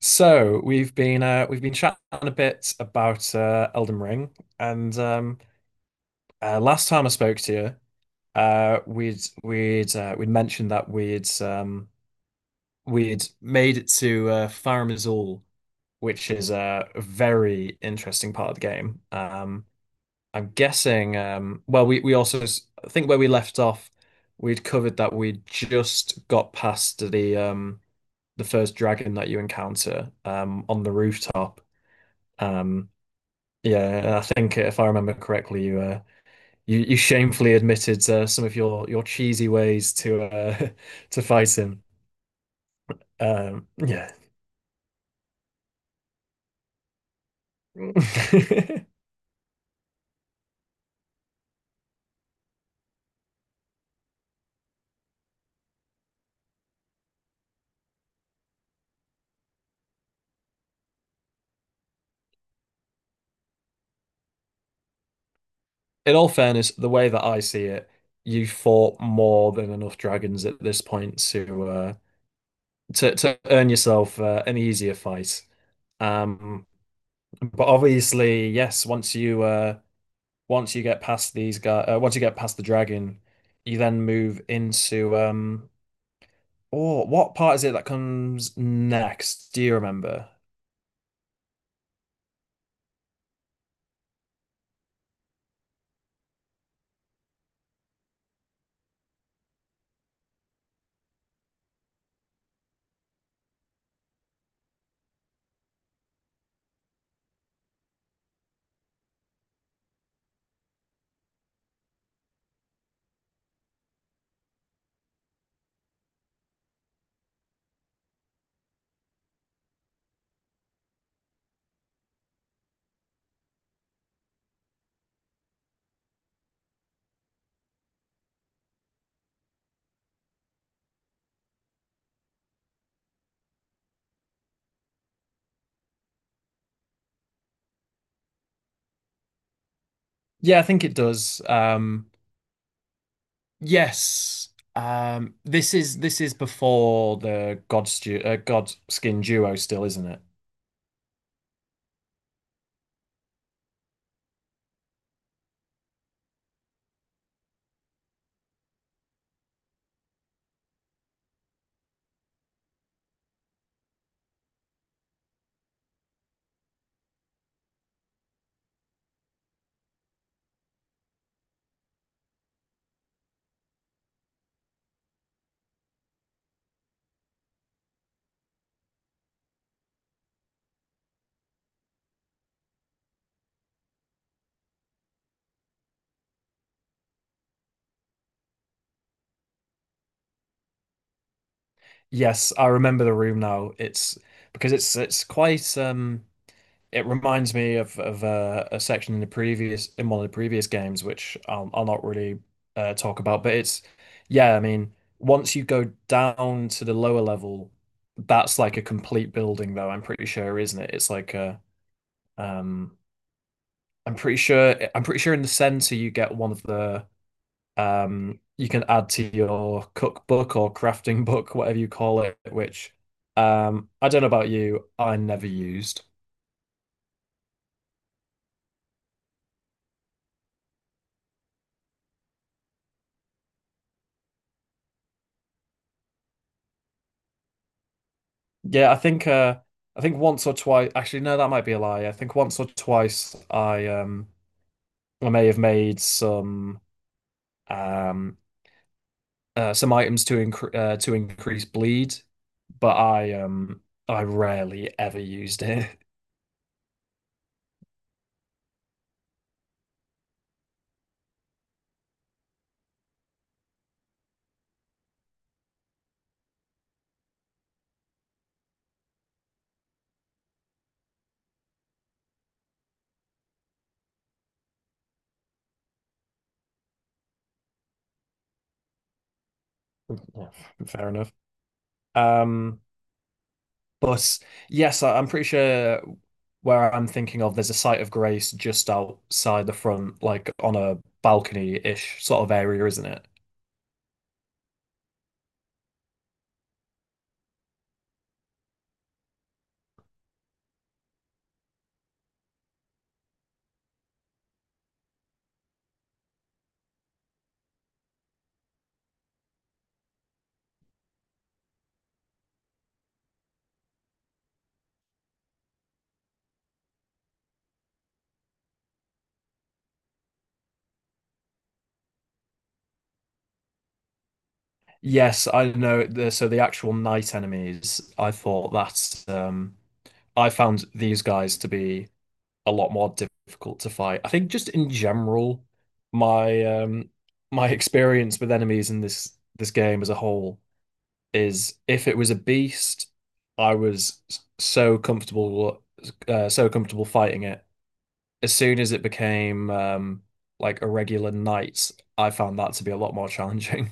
So we've been chatting a bit about Elden Ring, and last time I spoke to you, we'd mentioned that we'd made it to Farum Azula, which is a very interesting part of the game. I'm guessing. I think where we left off, we'd covered that we'd just got past the first dragon that you encounter on the rooftop. Um, Yeah, I think if I remember correctly, you shamefully admitted some of your cheesy ways to to fight him. Um, yeah. In all fairness, the way that I see it, you fought more than enough dragons at this point to to earn yourself an easier fight. Um, but obviously, yes, once you get past these guys, once you get past the dragon, you then move into. Oh, what part is it that comes next? Do you remember? Yeah, I think it does. Yes. This is before the God duo still, isn't it? Yes, I remember the room now. It's because it's quite it reminds me of a section in the previous in one of the previous games, which I'll not really talk about, but I mean, once you go down to the lower level, that's like a complete building, though. I'm pretty sure, isn't it? It's like a um, I'm pretty sure in the center you get one of the you can add to your cookbook or crafting book, whatever you call it, which I don't know about you, I never used. Yeah, I think once or twice. Actually, no, that might be a lie. I think once or twice I may have made um some items to increase bleed, but I rarely ever used it. Yeah, fair enough. Um but Yes, I, I'm pretty sure where I'm thinking of there's a site of grace just outside the front like on a balcony-ish sort of area, isn't it? Yes, I know. The, so the actual night enemies, I thought that's I found these guys to be a lot more difficult to fight. I think just in general, my um, my experience with enemies in this game as a whole is if it was a beast, I was s- so comfortable fighting it. As soon as it became like a regular knight, I found that to be a lot more challenging.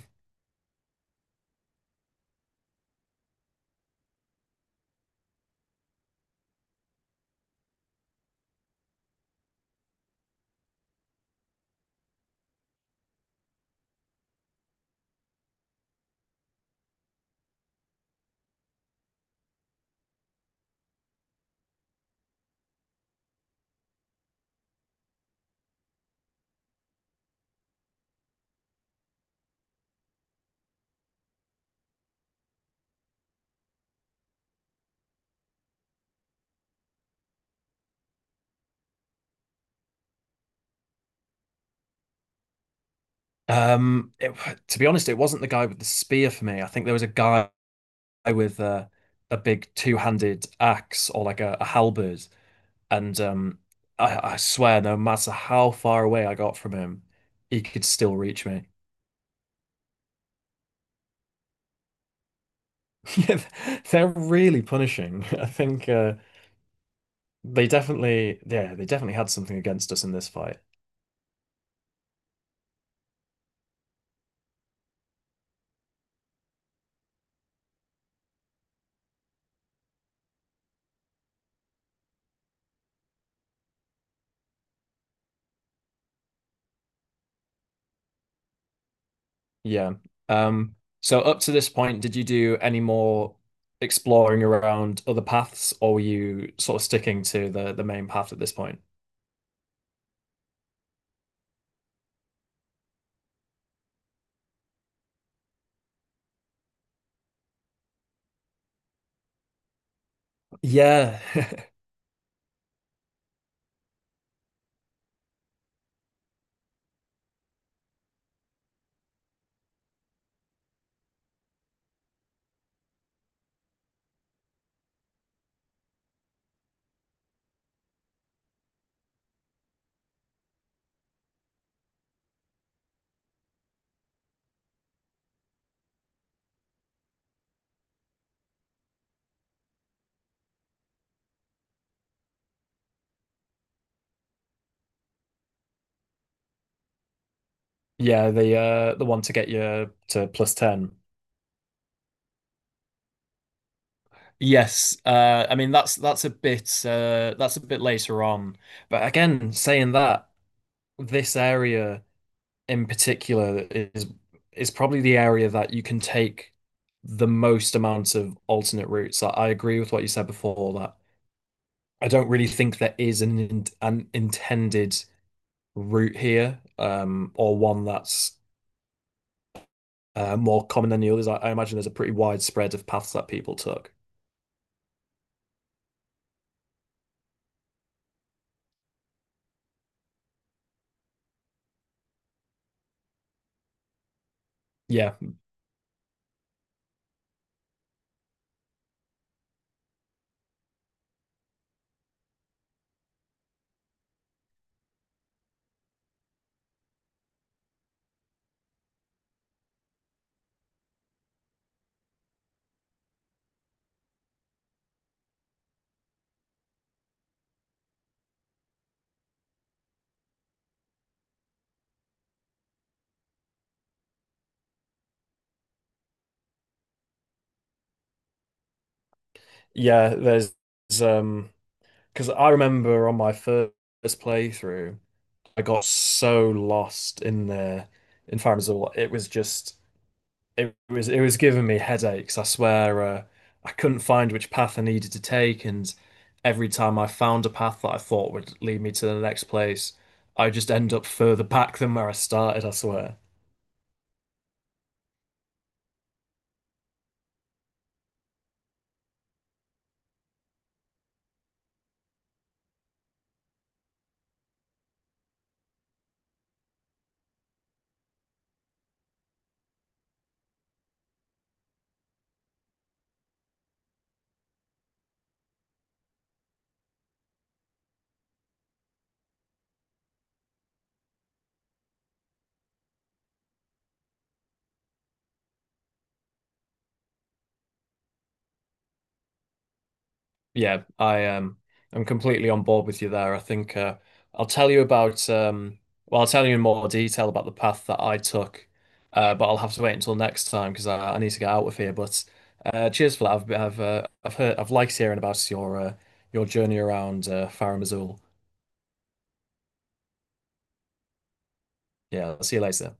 Um, it, to be honest, it wasn't the guy with the spear for me. I think there was a guy with a big two-handed axe or like a halberd, and I swear, no matter how far away I got from him, he could still reach me. Yeah, they're really punishing. I think they definitely, yeah, they definitely had something against us in this fight. Yeah. Um, so up to this point, did you do any more exploring around other paths, or were you sort of sticking to the main path at this point? Yeah. Yeah, the one to get you to plus 10. Yes. I mean that's a bit later on. But again, saying that, this area in particular is probably the area that you can take the most amount of alternate routes. I agree with what you said before that I don't really think there is an intended route here, or one that's more common than the others. I imagine there's a pretty wide spread of paths that people took. Yeah, yeah. There's um, because I remember on my first playthrough, I got so lost in the in Farazul. It was just it was giving me headaches. I swear, I couldn't find which path I needed to take, and every time I found a path that I thought would lead me to the next place, I just end up further back than where I started, I swear. Yeah, I um I'm completely on board with you there. I think I'll tell you about well I'll tell you in more detail about the path that I took, but I'll have to wait until next time because I need to get out of here. But cheers for that. I've liked hearing about your journey around Farum Azula. Yeah, I'll see you later.